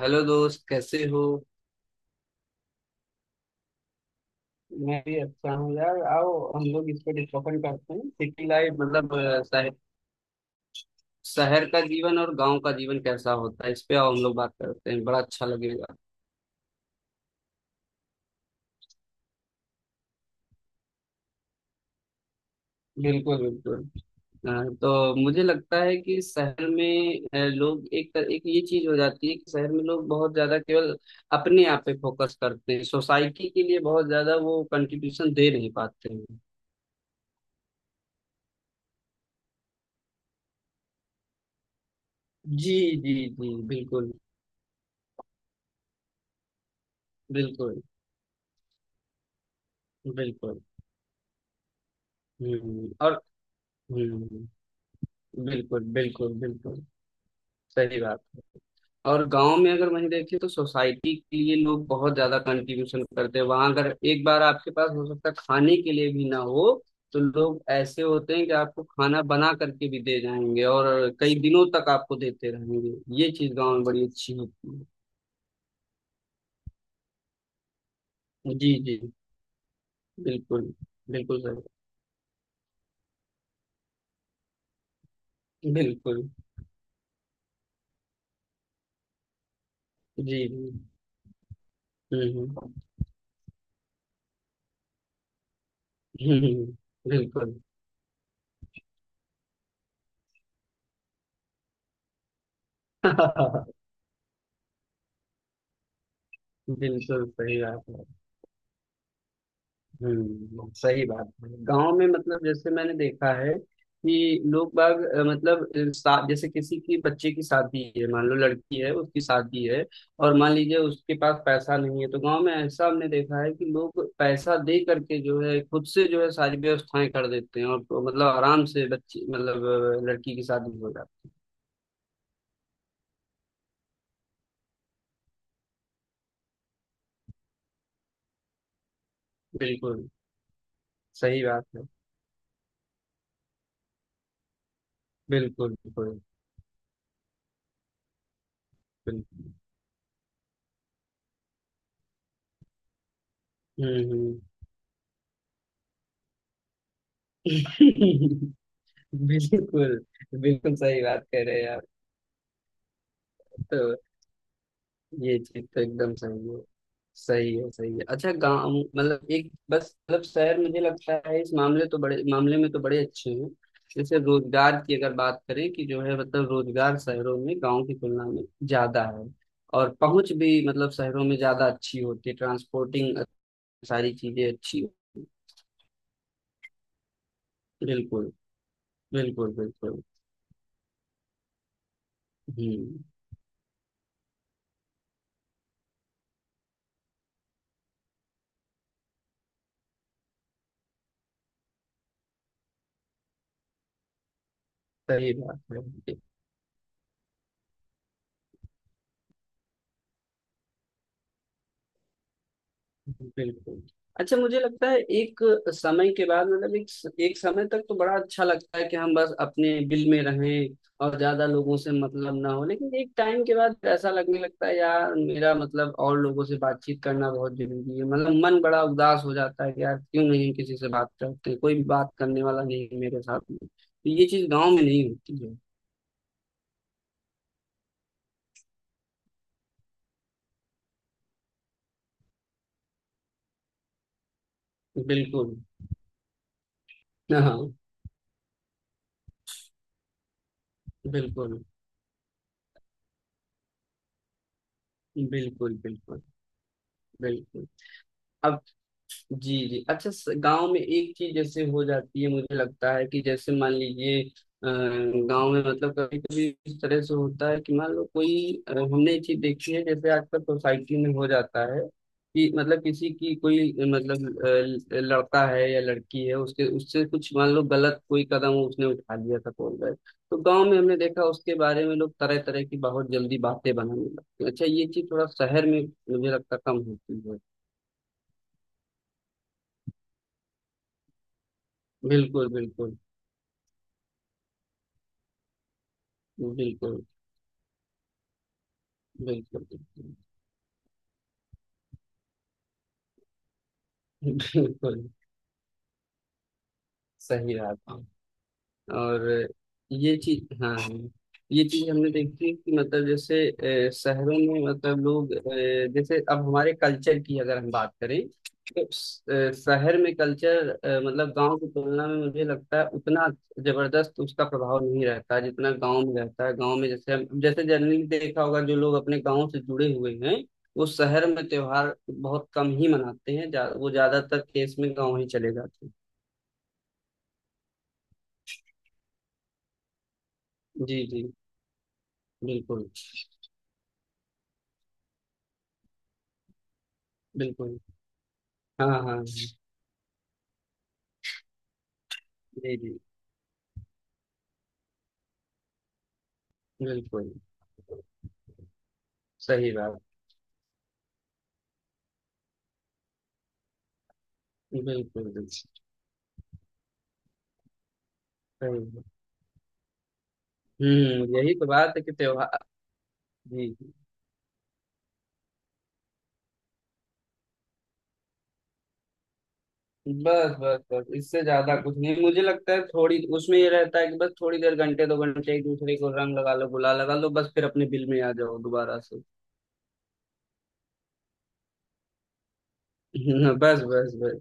Hello दोस्त कैसे हो। मैं भी अच्छा हूँ यार। आओ हम लोग इस पे डिस्कशन करते हैं सिटी लाइफ मतलब शहर शहर का जीवन और गांव का जीवन कैसा होता है इस पे आओ हम लोग बात करते हैं। बड़ा अच्छा लगेगा। बिल्कुल बिल्कुल। हाँ, तो मुझे लगता है कि शहर में लोग एक ये चीज हो जाती है कि शहर में लोग बहुत ज्यादा केवल अपने आप पे फोकस करते हैं, सोसाइटी के लिए बहुत ज्यादा वो कंट्रीब्यूशन दे नहीं पाते हैं। जी जी। जी बिल्कुल। बिल्कुल बिल्कुल। और। हम्म। बिल्कुल बिल्कुल बिल्कुल। सही बात है। और गांव में अगर वहीं देखें तो सोसाइटी के लिए लोग बहुत ज्यादा कंट्रीब्यूशन करते हैं। वहां अगर एक बार आपके पास हो सकता है खाने के लिए भी ना हो तो लोग ऐसे होते हैं कि आपको खाना बना करके भी दे जाएंगे, और कई दिनों तक आपको देते रहेंगे। ये चीज गांव में बड़ी अच्छी होती है। जी जी। बिल्कुल। बिल्कुल सर। बिल्कुल। जी जी। हम्म। हम्म, बिल्कुल। बिल्कुल सही बात है। हम्म, सही बात है। गांव में मतलब जैसे मैंने देखा है कि लोग बाग मतलब जैसे किसी की बच्चे की शादी है, मान लो लड़की है उसकी शादी है और मान लीजिए उसके पास पैसा नहीं है। तो गांव में ऐसा हमने देखा है कि लोग पैसा दे करके जो है खुद से जो है सारी व्यवस्थाएं कर देते हैं, और तो मतलब आराम से बच्चे मतलब लड़की की शादी हो जाती है। बिल्कुल सही बात है। बिल्कुल बिल्कुल बिल्कुल। हम्म। बिल्कुल। बिल्कुल सही बात कह रहे हैं आप। तो ये चीज तो एकदम सही है। सही है, सही है। अच्छा गांव मतलब एक बस मतलब शहर मुझे लगता है इस मामले तो बड़े मामले में तो बड़े अच्छे हैं। जैसे रोजगार की अगर बात करें कि जो है मतलब रोजगार शहरों में गांव की तुलना में ज्यादा है। और पहुंच भी मतलब शहरों में ज्यादा अच्छी होती है। ट्रांसपोर्टिंग सारी चीजें अच्छी होती हैं। बिल्कुल बिल्कुल बिल्कुल। हम्म। सही बात है। बिल्कुल। अच्छा मुझे लगता है एक समय के बाद मतलब एक एक समय तक तो बड़ा अच्छा लगता है कि हम बस अपने बिल में रहें और ज्यादा लोगों से मतलब ना हो। लेकिन एक टाइम के बाद ऐसा लगने लगता है यार मेरा मतलब और लोगों से बातचीत करना बहुत जरूरी है। मतलब मन बड़ा उदास हो जाता है कि यार क्यों नहीं किसी से बात करते, कोई भी बात करने वाला नहीं है मेरे साथ में। तो ये चीज गाँव में नहीं होती है। बिल्कुल। हाँ, बिल्कुल बिल्कुल। बिल्कुल बिल्कुल। अब जी जी अच्छा। गांव में एक चीज जैसे हो जाती है मुझे लगता है कि जैसे मान लीजिए गांव में मतलब कभी कभी इस तरह से होता है कि मान लो कोई हमने ये चीज देखी है जैसे आजकल सोसाइटी में हो जाता है कि मतलब किसी की कोई मतलब लड़का है या लड़की है उसके उससे कुछ मान लो गलत कोई कदम उसने उठा लिया था बोल रहे। तो गांव में हमने देखा उसके बारे में लोग तरह तरह की बहुत जल्दी बातें बनाने लगते हैं। अच्छा ये चीज थोड़ा शहर में मुझे लगता कम होती है। बिल्कुल बिल्कुल बिल्कुल बिल्कुल बिल्कुल। बिल्कुल। सही रास्ता। और ये चीज हाँ हाँ, ये चीज हमने देखी कि मतलब जैसे शहरों में मतलब लोग जैसे अब हमारे कल्चर की अगर हम बात करें तो शहर में कल्चर मतलब गांव की तुलना में मुझे लगता है उतना जबरदस्त उसका प्रभाव नहीं रहता जितना गांव में रहता है। गांव में जैसे हम जैसे जनरली देखा होगा जो लोग अपने गांव से जुड़े हुए हैं वो शहर में त्योहार बहुत कम ही मनाते हैं। वो ज्यादातर केस में गांव ही चले जाते हैं। जी जी। बिल्कुल बिल्कुल। हाँ हाँ। जी जी। बिल्कुल सही बात। बिल्कुल बिल्कुल सही बात। हम्म, यही तो बात है कि त्योहार। जी जी। बस बस बस। इससे ज्यादा कुछ नहीं मुझे लगता है। थोड़ी उसमें ये रहता है कि बस थोड़ी देर घंटे दो घंटे एक दूसरे को रंग लगा लो गुलाल लगा लो बस फिर अपने बिल में आ जाओ दोबारा से। बस बस बस।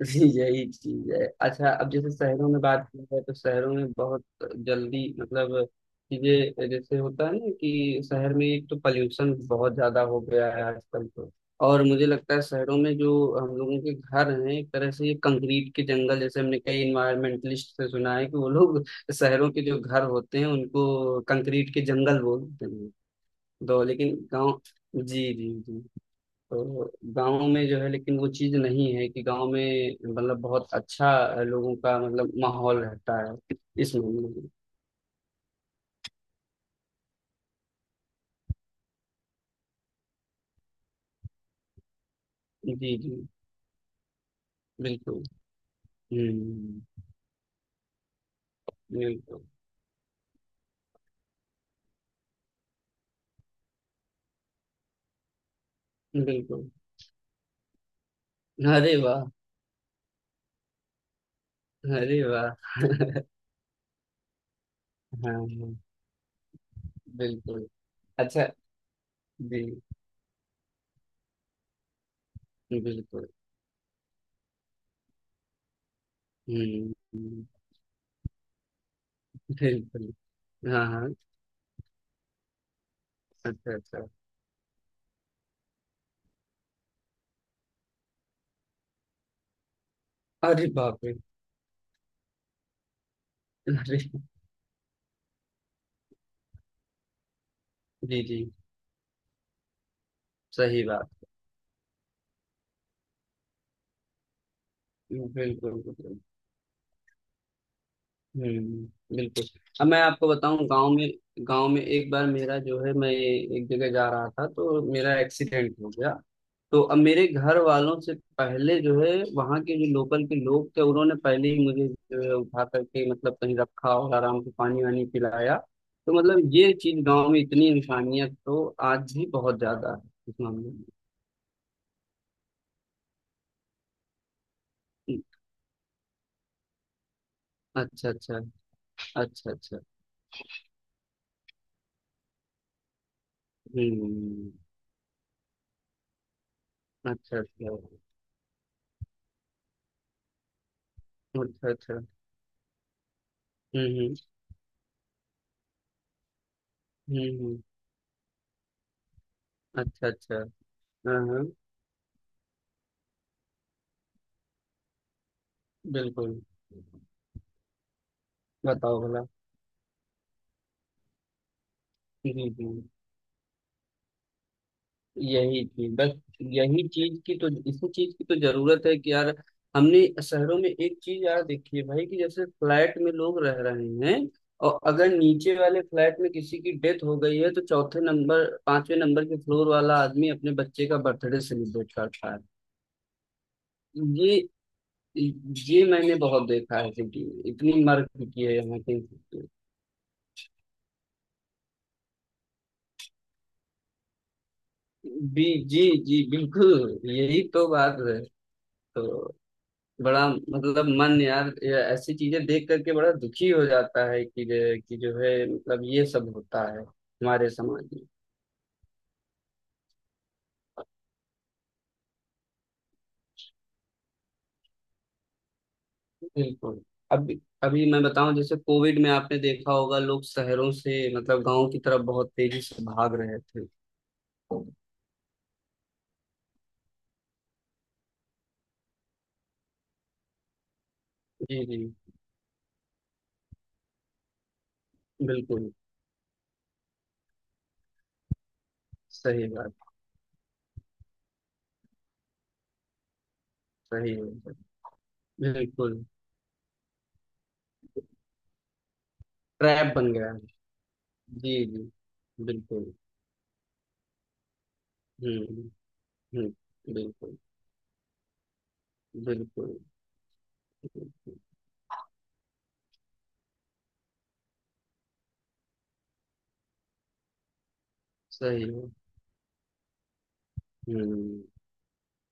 जी, यही चीज है। अच्छा अब जैसे शहरों में बात की जाए तो शहरों में बहुत जल्दी मतलब चीजें जैसे होता है ना कि शहर में एक तो पॉल्यूशन बहुत ज्यादा हो गया है आजकल। तो और मुझे लगता है शहरों में जो हम लोगों के घर हैं एक तरह से ये कंक्रीट के जंगल, जैसे हमने कई इन्वायरमेंटलिस्ट से सुना है कि वो लोग शहरों के जो घर होते हैं उनको कंक्रीट के जंगल बोलते हैं। तो लेकिन गाँव। जी जी जी। तो गांव में जो है लेकिन वो चीज नहीं है, कि गांव में मतलब बहुत अच्छा लोगों का मतलब माहौल रहता है इस मामले में। जी जी। बिल्कुल। हम्म। बिल्कुल बिल्कुल। अरे वाह। अरे वाह। हाँ हाँ, बिल्कुल। अच्छा। जी। बिल्कुल। हम्म हम्म, बिल्कुल। हाँ हाँ। अच्छा अच्छा। अरे बाप रे। अरे। जी जी। सही बात। बिल्कुल बिल्कुल। हम्म, बिल्कुल। अब मैं आपको बताऊं गांव में। गांव में एक बार मेरा जो है मैं एक जगह जा रहा था तो मेरा एक्सीडेंट हो गया। तो अब मेरे घर वालों से पहले जो है वहाँ के जो लोकल के लोग थे उन्होंने पहले ही मुझे जो है उठा करके मतलब कहीं रखा और आराम से पानी वानी पिलाया। तो मतलब ये चीज गांव में इतनी इंसानियत तो आज भी बहुत ज्यादा है इस मामले में। हम्म, अच्छा अच्छा। अच्छा अच्छा। हम्म। अच्छा अच्छा। अच्छा अच्छा। हम्म। हम्म हम्म। अच्छा अच्छा। हाँ हाँ। बिल्कुल। बताओ भला। जी जी। यही चीज बस। यही चीज की तो इसी चीज की तो जरूरत है कि यार हमने शहरों में एक चीज यार देखी है भाई कि जैसे फ्लैट में लोग रह रहे हैं, और अगर नीचे वाले फ्लैट में किसी की डेथ हो गई है तो चौथे नंबर पांचवें नंबर के फ्लोर वाला आदमी अपने बच्चे का बर्थडे सेलिब्रेट करता है। ये ये मैंने बहुत देखा है सिटी में। इतनी मर चुकी है यहाँ की। जी जी। जी बिल्कुल। यही तो बात है। तो बड़ा मतलब मन यार ये ऐसी चीजें देख करके बड़ा दुखी हो जाता है कि कि जो है मतलब ये सब होता है हमारे समाज में। बिल्कुल। अभी अभी मैं बताऊं जैसे कोविड में आपने देखा होगा लोग शहरों से मतलब गांव की तरफ बहुत तेजी से भाग रहे थे। जी जी। बिल्कुल सही बात। सही है। बिल्कुल। ट्रैप बन गया है। जी जी। बिल्कुल। हम्म हम्म। बिल्कुल बिल्कुल। सही है। हम्म।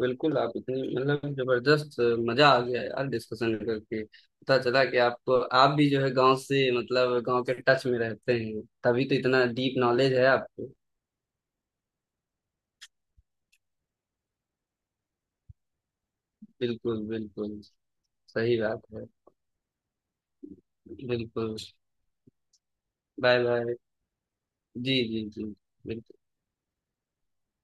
बिल्कुल। आप इतने मतलब जबरदस्त मजा आ गया यार डिस्कशन करके। पता चला कि आपको आप भी जो है गांव से मतलब गांव के टच में रहते हैं तभी तो इतना डीप नॉलेज है आपको। बिल्कुल बिल्कुल। सही बात है। बिल्कुल। Bye bye. जी जी जी। बिल्कुल।